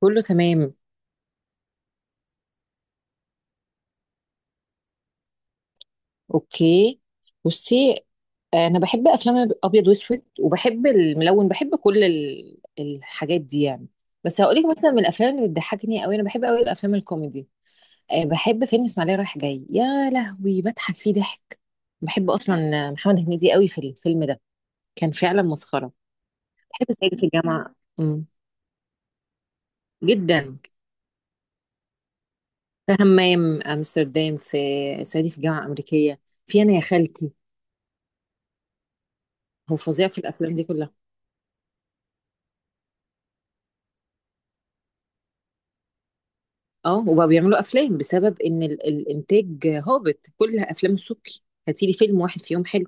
كله تمام. اوكي، بصي، انا بحب افلام ابيض واسود وبحب الملون، بحب كل الحاجات دي يعني. بس هقولك مثلا، من الافلام اللي بتضحكني قوي، انا بحب قوي الافلام الكوميدي. بحب فيلم اسماعيليه رايح جاي، يا لهوي بضحك فيه ضحك. بحب اصلا محمد هنيدي قوي في الفيلم ده، كان فعلا مسخره. بحب صعيدي في الجامعه. مم. جدا. في همام، امستردام، في صعيدي في الجامعه الامريكيه، في انا يا خالتي. هو فظيع في الافلام دي كلها. اه، وبقوا بيعملوا افلام بسبب ان الانتاج هابط. كل افلام السبكي، هاتيلي فيلم واحد فيهم حلو.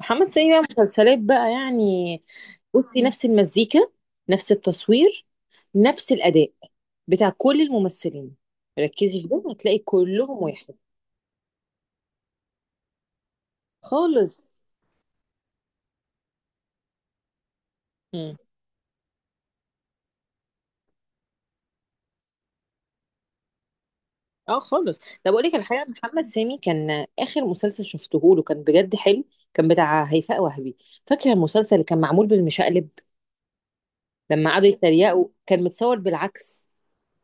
محمد سامي بقى مسلسلات بقى يعني. بصي، نفس المزيكا، نفس التصوير، نفس الاداء بتاع كل الممثلين. ركزي في ده، هتلاقي كلهم واحد. خالص. مم. اه خالص. طب اقول لك الحقيقه، محمد سامي كان اخر مسلسل شفته له كان بجد حلو. كان بتاع هيفاء وهبي. فاكره المسلسل اللي كان معمول بالمشقلب، لما قعدوا يتريقوا كان متصور بالعكس،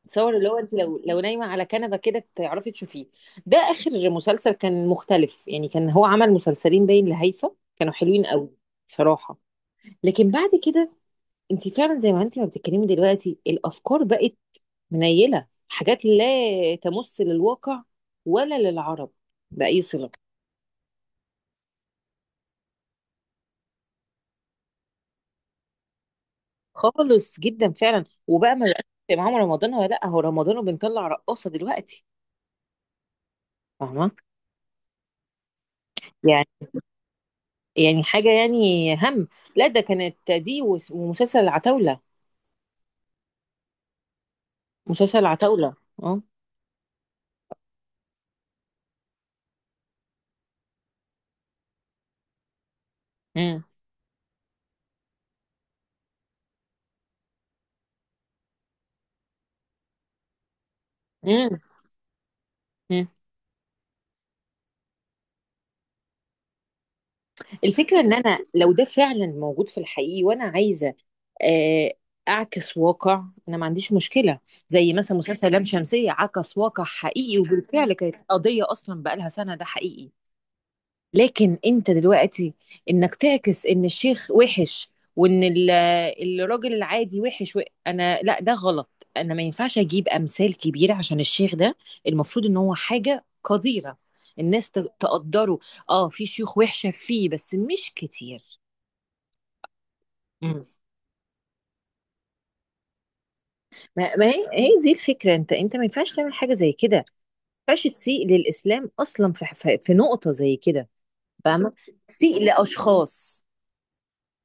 تصور اللي هو انت لو نايمه على كنبه كده تعرفي تشوفيه. ده اخر مسلسل كان مختلف يعني. كان هو عمل مسلسلين باين لهيفا، كانوا حلوين قوي بصراحه. لكن بعد كده، انت فعلا زي ما انت ما بتتكلمي دلوقتي، الافكار بقت منيله. حاجات لا تمس للواقع ولا للعرب باي صله. خالص جدا فعلا. وبقى ما بقاش معاهم رمضان، ولا لا هو رمضان وبنطلع رقاصه دلوقتي. فاهمه. يعني يعني حاجة يعني هم، لا ده كانت دي ومسلسل العتاولة. مسلسل العتاولة، اه. مم. مم. مم. الفكرة ان انا لو ده فعلا موجود في الحقيقي وانا عايزة آه، اعكس واقع، انا ما عنديش مشكلة. زي مثلا مسلسل لام شمسية، عكس واقع حقيقي، وبالفعل كانت قضية اصلا بقالها سنة، ده حقيقي. لكن انت دلوقتي انك تعكس ان الشيخ وحش، وان الراجل العادي وحش انا لا، ده غلط. انا ما ينفعش اجيب امثال كبيره عشان الشيخ ده المفروض ان هو حاجه قديره، الناس تقدره. اه في شيوخ وحشه فيه، بس مش كتير. مم. ما هي دي الفكره، انت ما ينفعش تعمل حاجه زي كده. ما ينفعش تسيء للاسلام اصلا في نقطه زي كده. فاهمه، تسيء لاشخاص.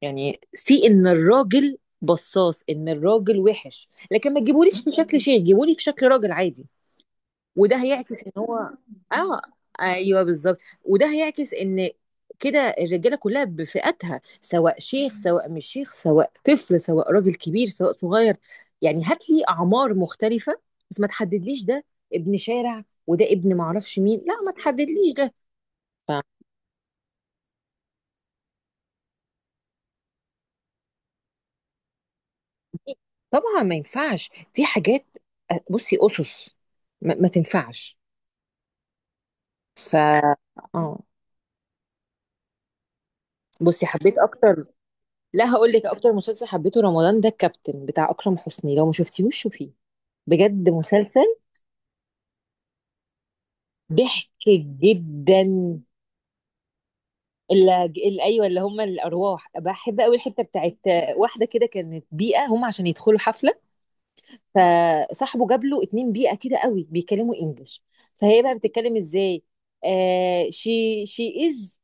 يعني سي ان الراجل بصاص، ان الراجل وحش، لكن ما تجيبوليش في شكل شيخ، جيبولي في شكل راجل عادي. وده هيعكس ان هو، اه ايوه بالظبط. وده هيعكس ان كده الرجاله كلها بفئاتها، سواء شيخ سواء مش شيخ، سواء طفل سواء راجل كبير سواء صغير. يعني هات لي اعمار مختلفه، بس ما تحددليش ده ابن شارع وده ابن معرفش مين. لا، ما تحددليش ده. طبعا ما ينفعش، دي حاجات بصي أسس ما تنفعش. ف اه بصي، حبيت اكتر. لا هقول لك، اكتر مسلسل حبيته رمضان ده الكابتن بتاع اكرم حسني. لو ما شفتيهوش شوفيه، بجد مسلسل ضحك جدا. اللي ايوه، اللي هم الارواح، بحب قوي الحته بتاعت واحده كده كانت بيئه، هم عشان يدخلوا حفله، فصاحبه جاب له اتنين بيئة كده قوي بيتكلموا انجلش. فهي بقى بتتكلم ازاي، شي شي از.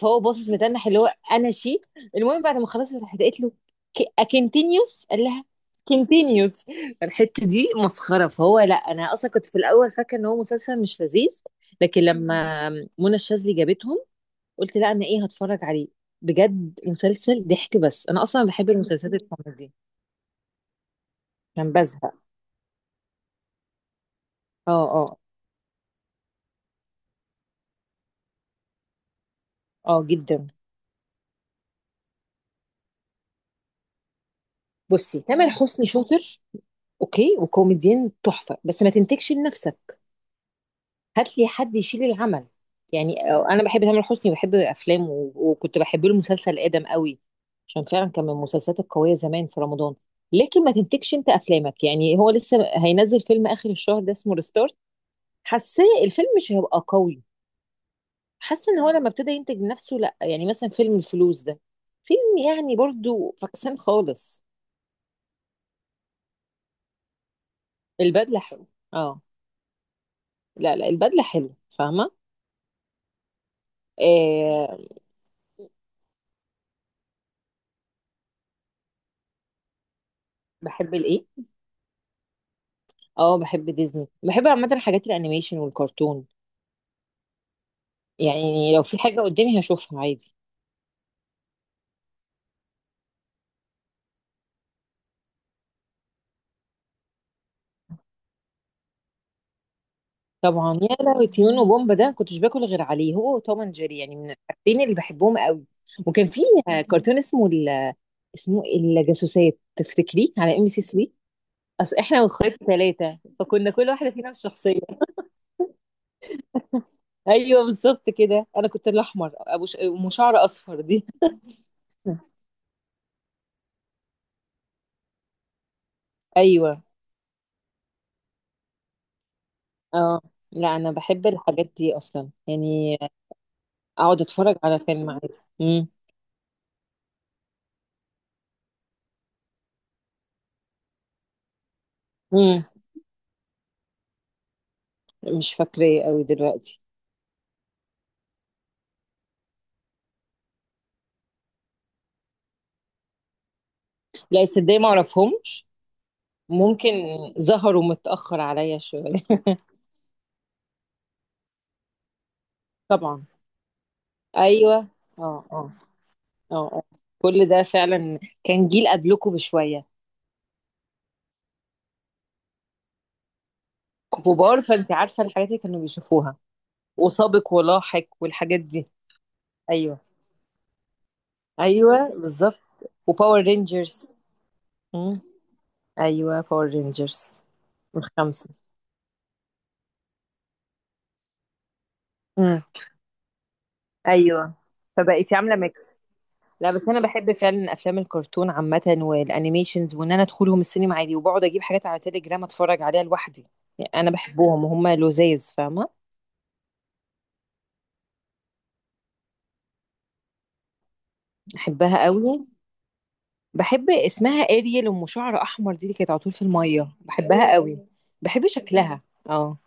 فهو باصص متنح، اللي هو انا شي. المهم بعد ما خلصت راحت قالت له اكنتينيوس، قال لها كنتينيوس. الحتة دي مسخرة. فهو، لا انا اصلا كنت في الاول فاكرة ان هو مسلسل مش لذيذ، لكن لما منى الشاذلي جابتهم قلت لا، انا ايه هتفرج عليه. بجد مسلسل ضحك. بس انا اصلا بحب المسلسلات الكوميدي عشان بزهق. اه اه اه جدا. بصي، تامر حسني شاطر، اوكي، وكوميديان تحفه، بس ما تنتجش لنفسك. هات لي حد يشيل العمل يعني. انا بحب تامر حسني وبحب افلامه، وكنت بحب له مسلسل ادم قوي عشان فعلا كان من المسلسلات القويه زمان في رمضان. لكن ما تنتجش انت افلامك يعني. هو لسه هينزل فيلم اخر الشهر ده اسمه ريستارت، حاساه الفيلم مش هيبقى قوي. حاسه ان هو لما ابتدى ينتج نفسه، لا. يعني مثلا فيلم الفلوس ده، فيلم يعني برضو فكسان خالص. البدله حلو، اه. لا لا البدله حلوه، فاهمه. آه. بحب الايه؟ اه بحب ديزني. بحب عامه حاجات الانيميشن والكرتون، يعني لو في حاجه قدامي هشوفها عادي. طبعا، يا لهوي تيون وبومبا ده كنتش باكل غير عليه، هو وتوم اند جيري، يعني من الحاجتين اللي بحبهم قوي. وكان في كرتون اسمه اسمه الجاسوسات، تفتكريه على ام بي سي 3. اصل احنا واخواتي ثلاثه، فكنا كل واحده فينا الشخصيه. ايوه بالظبط كده، انا كنت الاحمر ابو ام شعر اصفر دي. ايوه، اه. لا انا بحب الحاجات دي اصلا يعني، اقعد اتفرج على فيلم عادي. امم. امم. مش فاكراه قوي دلوقتي. لا تصدقي ما اعرفهمش. ممكن ظهروا متاخر عليا شويه. طبعا، ايوه. اه اه اه اه. كل ده فعلا كان جيل قبلكم بشويه، كبار، فانت عارفه الحاجات اللي كانوا بيشوفوها، وسابق ولاحق والحاجات دي. ايوه ايوه بالظبط. وباور رينجرز. امم، ايوه باور رينجرز الخمسه. ايوه، فبقيتي عامله ميكس. لا بس انا بحب فعلا افلام الكرتون عامه والانيميشنز، وان انا ادخلهم السينما عادي، وبقعد اجيب حاجات على تليجرام اتفرج عليها لوحدي. يعني انا بحبهم وهم لذاذ، فاهمه. احبها قوي. بحب اسمها اريل، ام شعر احمر دي اللي كانت على طول في الميه، بحبها قوي. بحب شكلها. اه،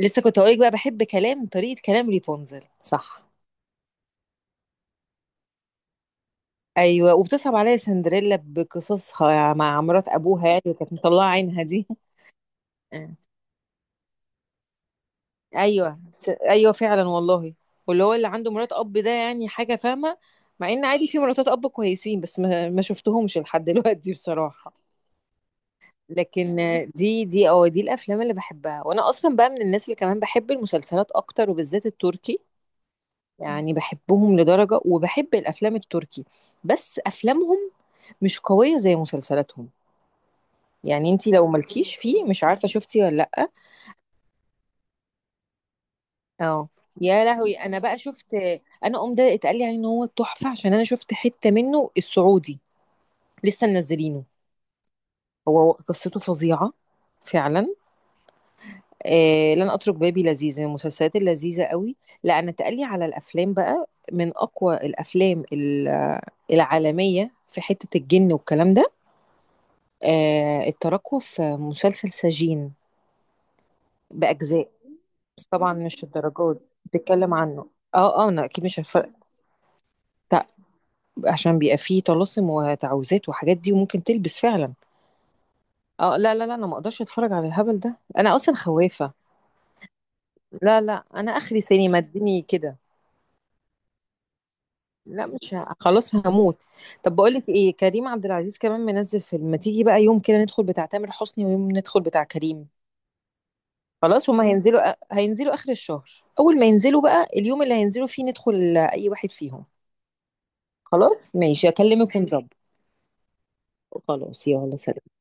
لسه كنت هقولك بقى، بحب كلام طريقه كلام ريبونزل، صح. ايوه، وبتصعب عليا سندريلا بقصصها مع مرات ابوها يعني، اللي كانت مطلعه عينها دي. ايوه ايوه فعلا والله. واللي هو اللي عنده مرات اب ده، يعني حاجه، فاهمه. مع ان عادي في مراتات اب كويسين، بس ما شفتهمش لحد دلوقتي بصراحه. لكن دي اه دي الافلام اللي بحبها. وانا اصلا بقى من الناس اللي كمان بحب المسلسلات اكتر، وبالذات التركي. يعني بحبهم لدرجه، وبحب الافلام التركي بس افلامهم مش قويه زي مسلسلاتهم. يعني انتي لو مالكيش فيه، مش عارفه شفتي ولا لا؟ اه، يا لهوي، انا بقى شفت انا ده، اتقال لي عليه ان هو تحفه، عشان انا شفت حته منه السعودي، لسه منزلينه. هو قصته فظيعه فعلا. لن اترك بابي، لذيذ، من المسلسلات اللذيذه قوي. لا انا اتقال لي على الافلام، بقى من اقوى الافلام العالميه في حته الجن والكلام ده. التراكوة في مسلسل سجين، باجزاء. بس طبعا مش الدرجات بتتكلم عنه. اه اه انا اكيد مش هتفرق. عشان بيبقى فيه طلاسم وتعويذات وحاجات دي، وممكن تلبس فعلا. اه لا لا لا، انا ما اقدرش اتفرج على الهبل ده، انا اصلا خوافه. لا لا، انا اخري سينما اديني كده. لا مش خلاص هموت. طب بقول لك ايه، كريم عبد العزيز كمان منزل فيلم، ما تيجي بقى يوم كده ندخل بتاع تامر حسني، ويوم ندخل بتاع كريم. خلاص، هما هينزلوا اخر الشهر. اول ما ينزلوا بقى، اليوم اللي هينزلوا فيه ندخل اي واحد فيهم. خلاص ماشي، اكلمك ونظبط. خلاص، يلا سلام.